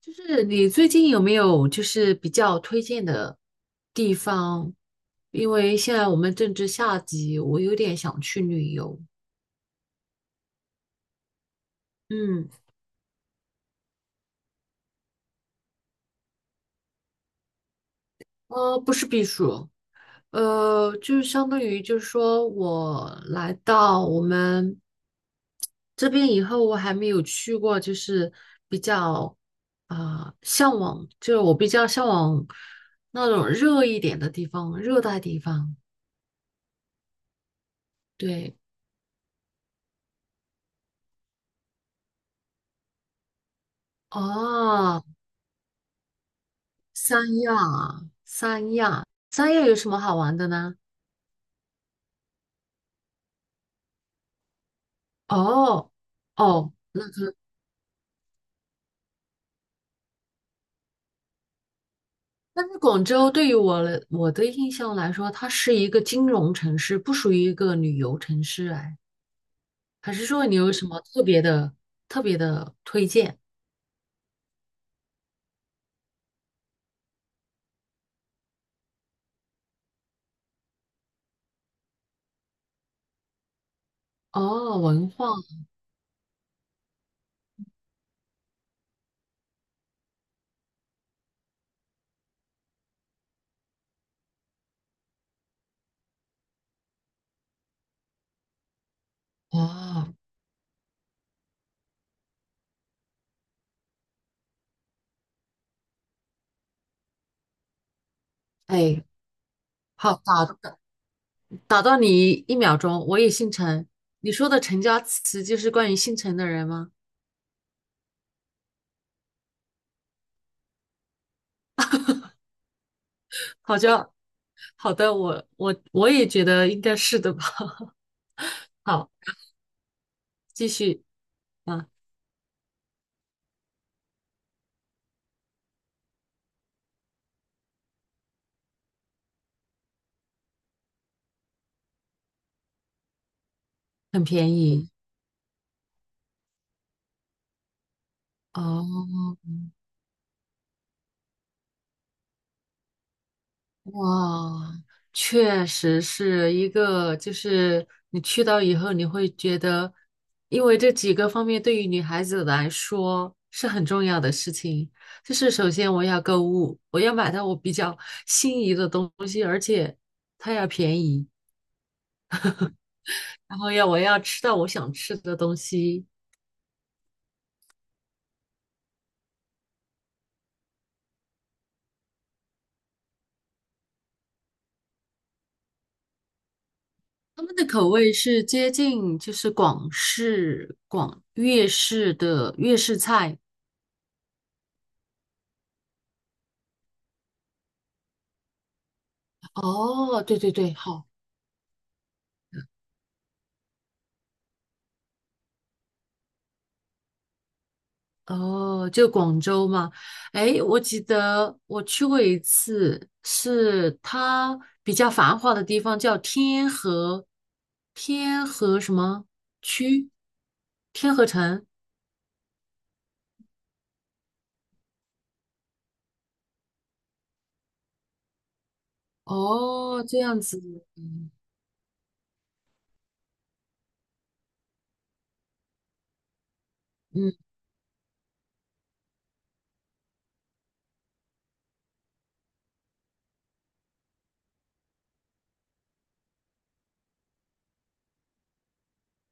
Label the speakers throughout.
Speaker 1: 就是你最近有没有就是比较推荐的地方？因为现在我们正值夏季，我有点想去旅游。嗯，不是避暑，就是相当于就是说我来到我们这边以后，我还没有去过，就是比较啊、向往，就是我比较向往那种热一点的地方，热带地方。对，哦、三亚啊三亚，三亚有什么好玩的呢？哦，哦，但是广州对于我来我的印象来说，它是一个金融城市，不属于一个旅游城市。哎，还是说你有什么特别的、特别的推荐？哦，文化，哦，哎，好，打到你一秒钟，我也姓陈。你说的陈家祠就是关于姓陈的人吗？好像，好的，我也觉得应该是的吧。好。继续啊，很便宜哦，哇，确实是一个，就是你去到以后，你会觉得，因为这几个方面对于女孩子来说是很重要的事情，就是首先我要购物，我要买到我比较 心仪的东西，而且它要便宜，然后我要吃到我想吃的东西。他们的口味是接近就是广式、广粤式的粤式菜，哦，对对对，好，哦，就广州嘛，哎，我记得我去过一次，是它比较繁华的地方，叫天河，天河什么区？天河城。哦，这样子，嗯嗯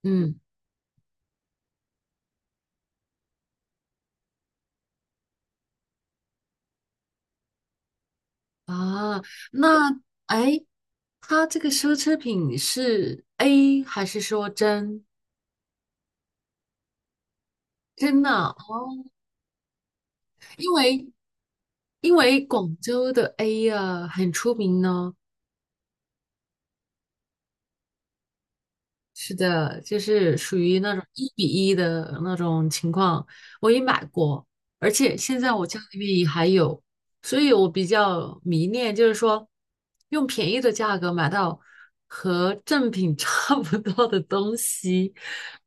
Speaker 1: 嗯，啊，那哎，它这个奢侈品是 A 还是说真的？哦因为因为广州的 A 啊很出名呢、是的，就是属于那种1:1的那种情况，我也买过，而且现在我家里面也还有，所以我比较迷恋，就是说用便宜的价格买到和正品 差不多的东西，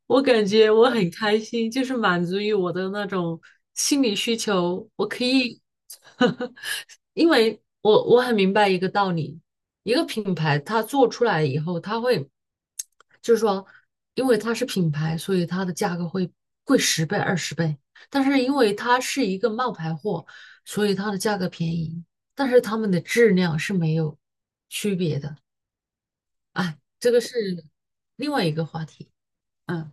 Speaker 1: 我感觉我很开心，就是满足于我的那种心理需求，我可以 因为我我很明白一个道理，一个品牌它做出来以后，它会就是说，因为它是品牌，所以它的价格会贵十倍、20倍。但是因为它是一个冒牌货，所以它的价格便宜，但是它们的质量是没有区别的。哎，这个是另外一个话题。嗯。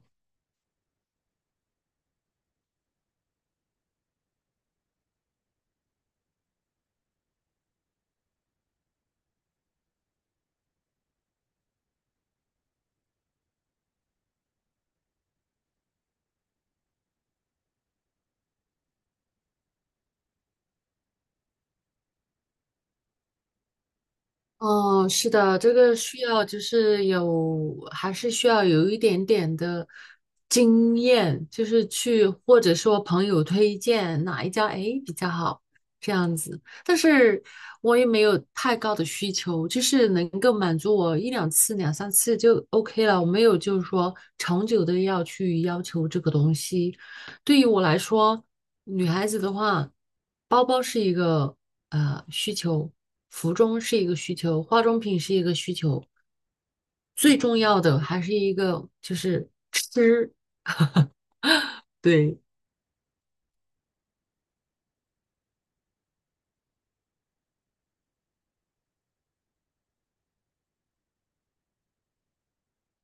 Speaker 1: 哦，是的，这个需要就是有，还是需要有一点点的经验，就是去或者说朋友推荐哪一家诶比较好这样子。但是我也没有太高的需求，就是能够满足我一两次、两三次就 OK 了。我没有就是说长久的要去要求这个东西，对于我来说，女孩子的话，包包是一个需求，服装是一个需求，化妆品是一个需求，最重要的还是一个就是吃。对，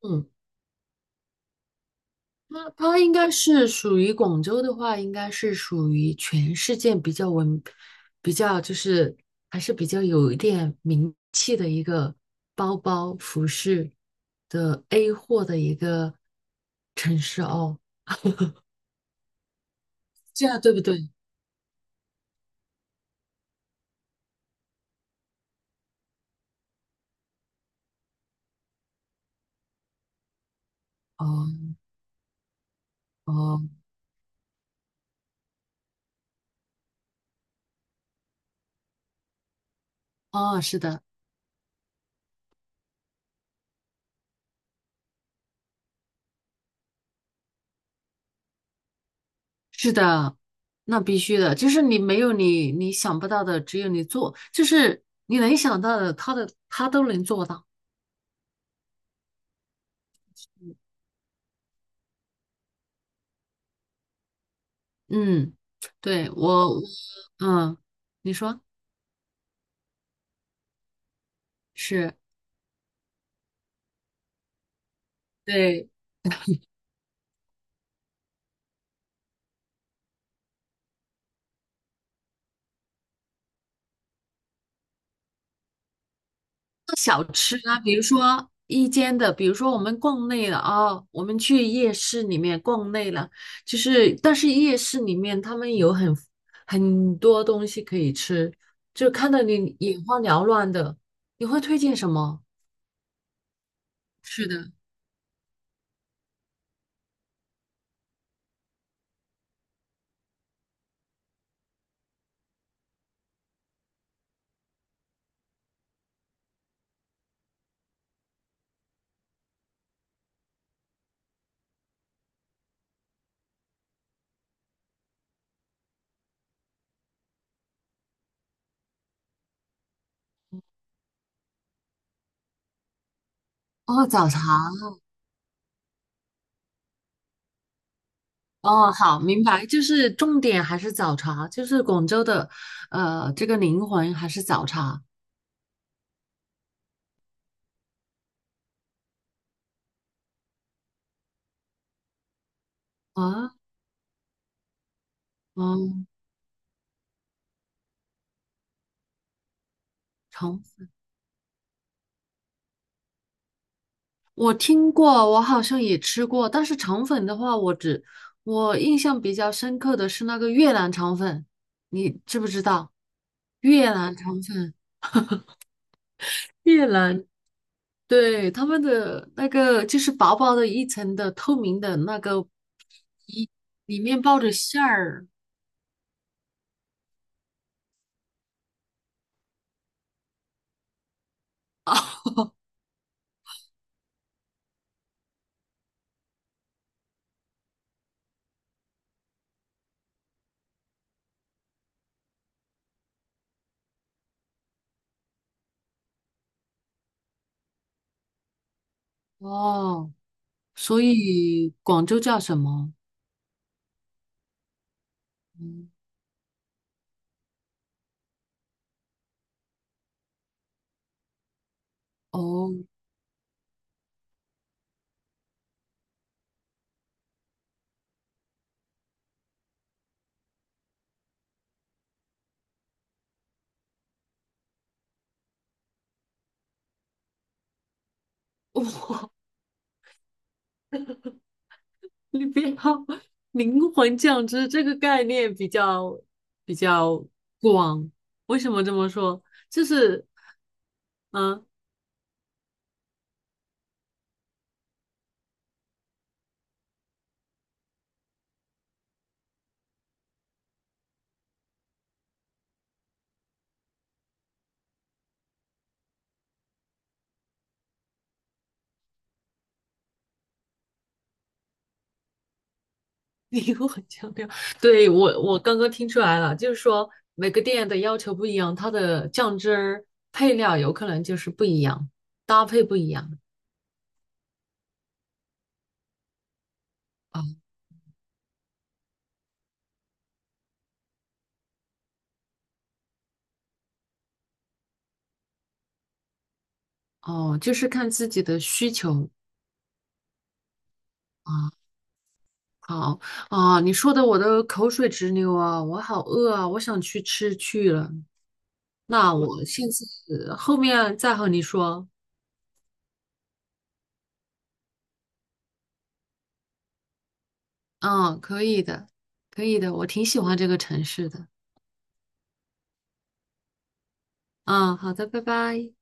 Speaker 1: 嗯，它它应该是属于广州的话，应该是属于全世界比较文，比较就是还是比较有一点名气的一个包包服饰的 A 货的一个城市哦。这样对不对？哦哦哦，是的，是的，那必须的，就是你没有你你想不到的，只有你做，就是你能想到的，他的他都能做到。嗯，对，我嗯，你说是，对。小吃啊，比如说一间的，比如说我们逛累了啊，我们去夜市里面逛累了，就是但是夜市里面他们有很多东西可以吃，就看到你眼花缭乱的，你会推荐什么？是的，哦，早茶，哦，好，明白，就是重点还是早茶，就是广州的，呃，这个灵魂还是早茶啊，嗯，重。我听过，我好像也吃过，但是肠粉的话，我印象比较深刻的是那个越南肠粉，你知不知道？越南肠粉，越南，对，他们的那个就是薄薄的一层的透明的那个皮，里面包着馅儿。哦，所以广州叫什么？嗯，哦，你不要灵魂酱汁这个概念比较广。为什么这么说？就是嗯，灵魂酱料。对，我我刚刚听出来了，就是说每个店的要求不一样，它的酱汁儿配料有可能就是不一样，搭配不一样。哦哦，就是看自己的需求啊。好啊，你说的我都口水直流啊，我好饿啊，我想去吃去了。那我现在后面再和你说。嗯，可以的，可以的，我挺喜欢这个城市的。嗯，好的，拜拜。